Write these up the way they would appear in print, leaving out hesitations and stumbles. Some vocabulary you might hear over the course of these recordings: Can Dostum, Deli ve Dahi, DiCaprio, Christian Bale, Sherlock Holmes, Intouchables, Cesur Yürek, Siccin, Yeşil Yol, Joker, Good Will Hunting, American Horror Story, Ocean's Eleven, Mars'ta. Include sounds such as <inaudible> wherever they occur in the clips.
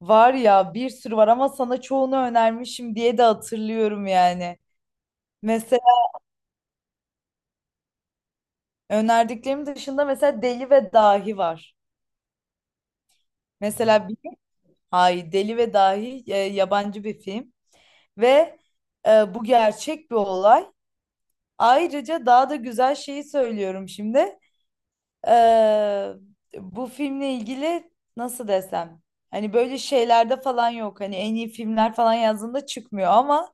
Var ya bir sürü var ama sana çoğunu önermişim diye de hatırlıyorum yani. Mesela önerdiklerim dışında mesela Deli ve Dahi var. Mesela bir, hayır, Deli ve Dahi yabancı bir film ve bu gerçek bir olay. Ayrıca daha da güzel şeyi söylüyorum şimdi. E, bu filmle ilgili nasıl desem? Hani böyle şeylerde falan yok. Hani en iyi filmler falan yazdığında çıkmıyor ama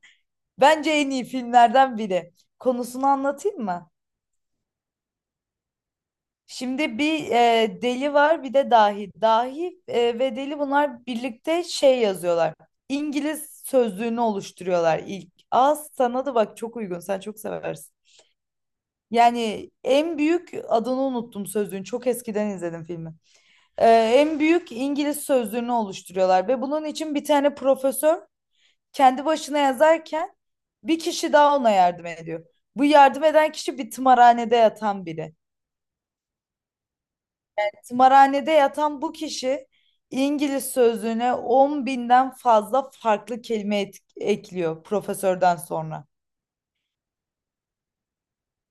bence en iyi filmlerden biri. Konusunu anlatayım mı? Şimdi bir deli var bir de dahi. Dahi ve deli bunlar birlikte şey yazıyorlar. İngiliz sözlüğünü oluşturuyorlar ilk. Az sana da bak çok uygun sen çok seversin. Yani en büyük adını unuttum sözlüğün. Çok eskiden izledim filmi. En büyük İngiliz sözlüğünü oluşturuyorlar ve bunun için bir tane profesör kendi başına yazarken bir kişi daha ona yardım ediyor. Bu yardım eden kişi bir tımarhanede yatan biri. Tımarhanede yatan bu kişi İngiliz sözlüğüne 10.000'den fazla farklı kelime ekliyor profesörden sonra.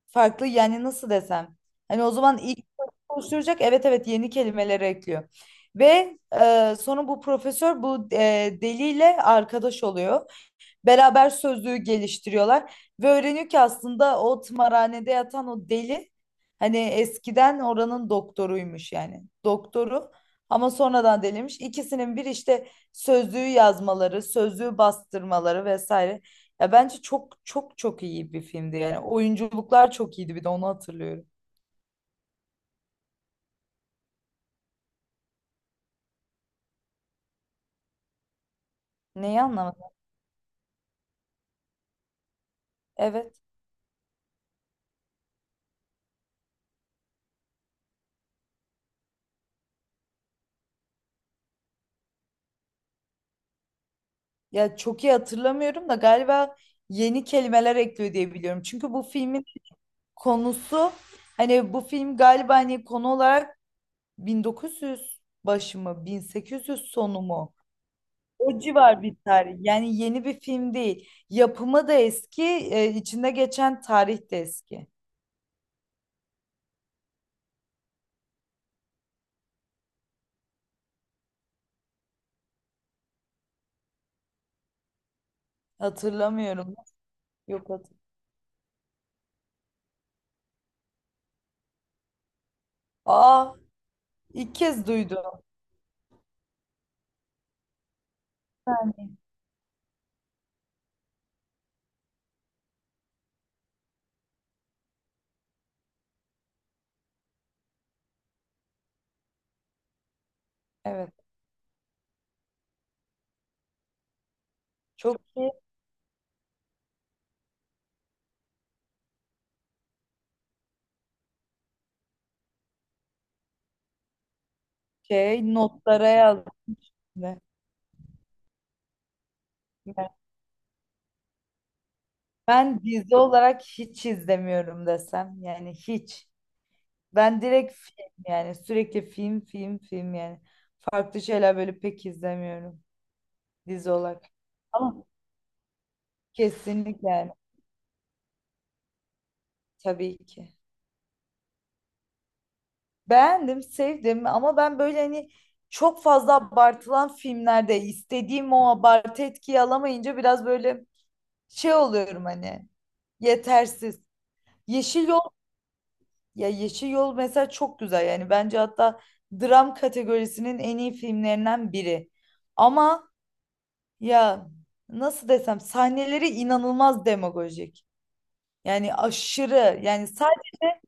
Farklı yani nasıl desem. Hani o zaman ilk oluşturacak evet evet yeni kelimeleri ekliyor. Ve sonra bu profesör bu deliyle arkadaş oluyor. Beraber sözlüğü geliştiriyorlar ve öğreniyor ki aslında o tımarhanede yatan o deli hani eskiden oranın doktoruymuş yani doktoru ama sonradan deliymiş. İkisinin bir işte sözlüğü yazmaları, sözlüğü bastırmaları vesaire. Ya bence çok çok çok iyi bir filmdi yani oyunculuklar çok iyiydi bir de onu hatırlıyorum. Neyi anlamadım? Evet. Ya çok iyi hatırlamıyorum da galiba yeni kelimeler ekliyor diye biliyorum. Çünkü bu filmin konusu hani bu film galiba hani konu olarak 1900 başı mı 1800 sonu mu? O civar bir tarih. Yani yeni bir film değil. Yapımı da eski, içinde geçen tarih de eski. Hatırlamıyorum. Yok hatır. Aa, ilk kez duydum. Evet. Çok iyi şey notlara yazdım. Yani ben dizi olarak hiç izlemiyorum desem yani hiç. Ben direkt film yani sürekli film film film yani. Farklı şeyler böyle pek izlemiyorum dizi olarak. Ama kesinlikle yani tabii ki. Beğendim, sevdim ama ben böyle hani çok fazla abartılan filmlerde istediğim o abartı etkiyi alamayınca biraz böyle şey oluyorum hani yetersiz. Yeşil Yol ya Yeşil Yol mesela çok güzel yani bence hatta dram kategorisinin en iyi filmlerinden biri. Ama ya nasıl desem sahneleri inanılmaz demagojik. Yani aşırı yani sadece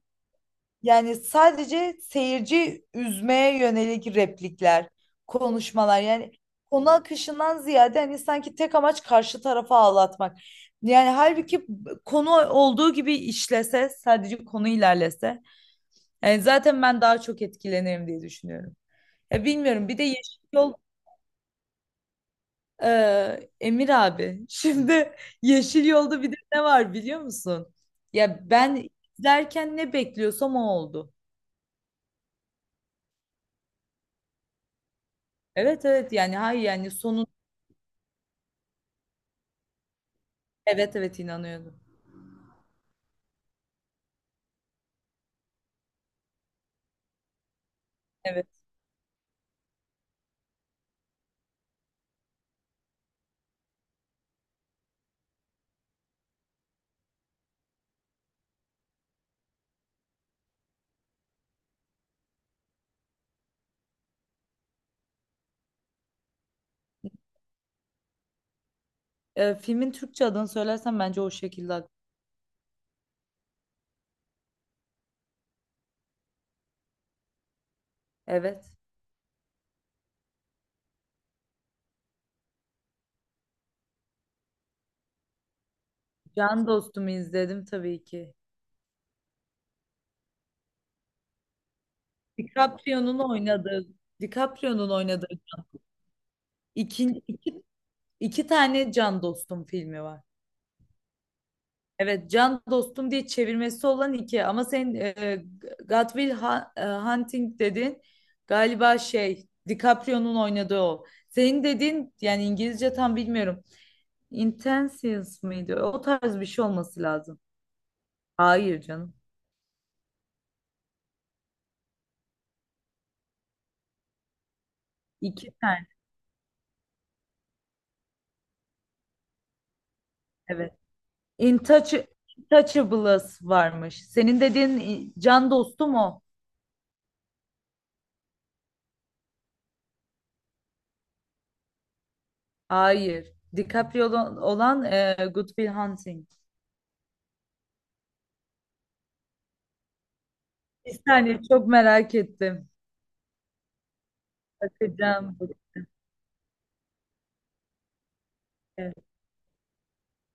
seyirci üzmeye yönelik replikler, konuşmalar yani konu akışından ziyade hani sanki tek amaç karşı tarafa ağlatmak. Yani halbuki konu olduğu gibi işlese sadece konu ilerlese yani zaten ben daha çok etkilenirim diye düşünüyorum. Ya bilmiyorum bir de Yeşil Yol Emir abi, şimdi <laughs> Yeşil Yolda bir de ne var biliyor musun? Ya ben izlerken ne bekliyorsam o oldu. Evet evet yani hayır yani sonun evet evet inanıyordum. Evet. Filmin Türkçe adını söylersen bence o şekilde. Evet. Can Dostum'u izledim tabii ki. DiCaprio'nun oynadığı DiCaprio'nun oynadığı iki iki, iki tane Can Dostum filmi var. Evet, Can Dostum diye çevirmesi olan iki ama sen God Will Hunting dedin galiba şey DiCaprio'nun oynadığı o. Senin dediğin yani İngilizce tam bilmiyorum. Intentions mıydı? O tarz bir şey olması lazım. Hayır canım. İki tane evet. Intouch Intouchables varmış. Senin dediğin Can Dostum o. Hayır. DiCaprio olan, Good Will Hunting. Bir saniye çok merak ettim. Bakacağım.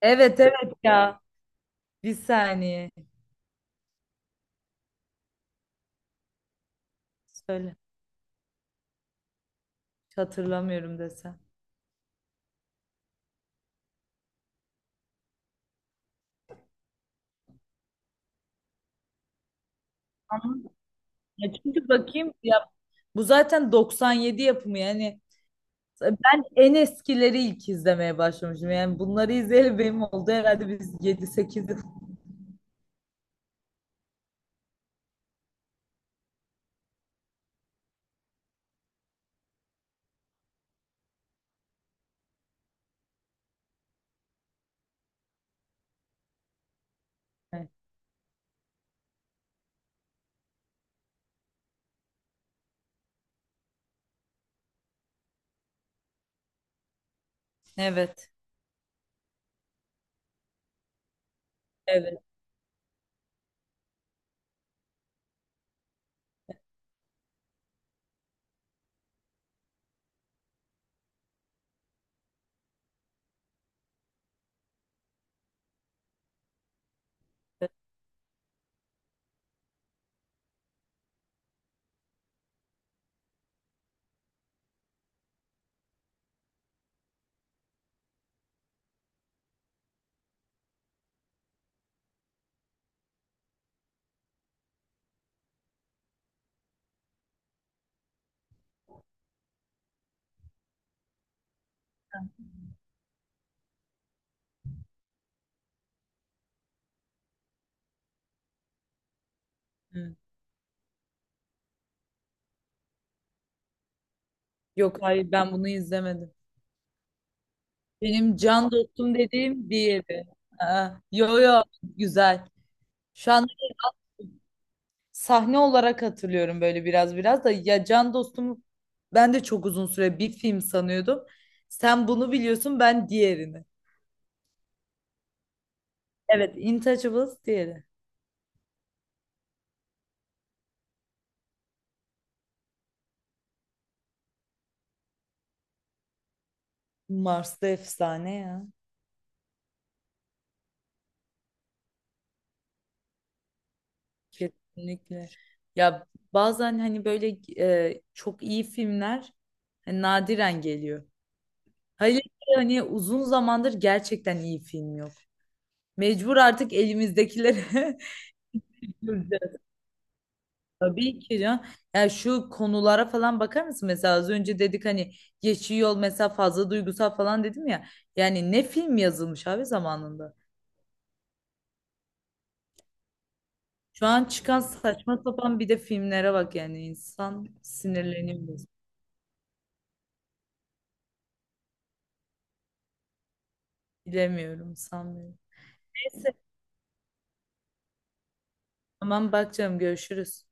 Evet evet ya. Bir saniye. Söyle. Hiç hatırlamıyorum desem. Ama ya çünkü bakayım ya bu zaten 97 yapımı yani ben en eskileri ilk izlemeye başlamışım. Yani bunları izleyeli benim oldu herhalde biz 7-8 yıl. Evet. Evet. Evet. Hı. Yok hayır ben bunu izlemedim. Benim can dostum dediğim diğeri. Aa, yo yo güzel. Şu an sahne olarak hatırlıyorum böyle biraz biraz da ya can dostum ben de çok uzun süre bir film sanıyordum. Sen bunu biliyorsun ben diğerini. Evet Intouchables diğeri. Mars'ta efsane ya. Kesinlikle. Ya bazen hani böyle çok iyi filmler hani nadiren geliyor. Hayır hani uzun zamandır gerçekten iyi film yok. Mecbur artık elimizdekileri <laughs> göreceğiz. Tabii ki ya. Ya şu konulara falan bakar mısın? Mesela az önce dedik hani geçiyor yol mesela fazla duygusal falan dedim ya. Yani ne film yazılmış abi zamanında. Şu an çıkan saçma sapan bir de filmlere bak yani insan sinirleniyor. Bilemiyorum sanmıyorum. Neyse. Tamam bakacağım görüşürüz.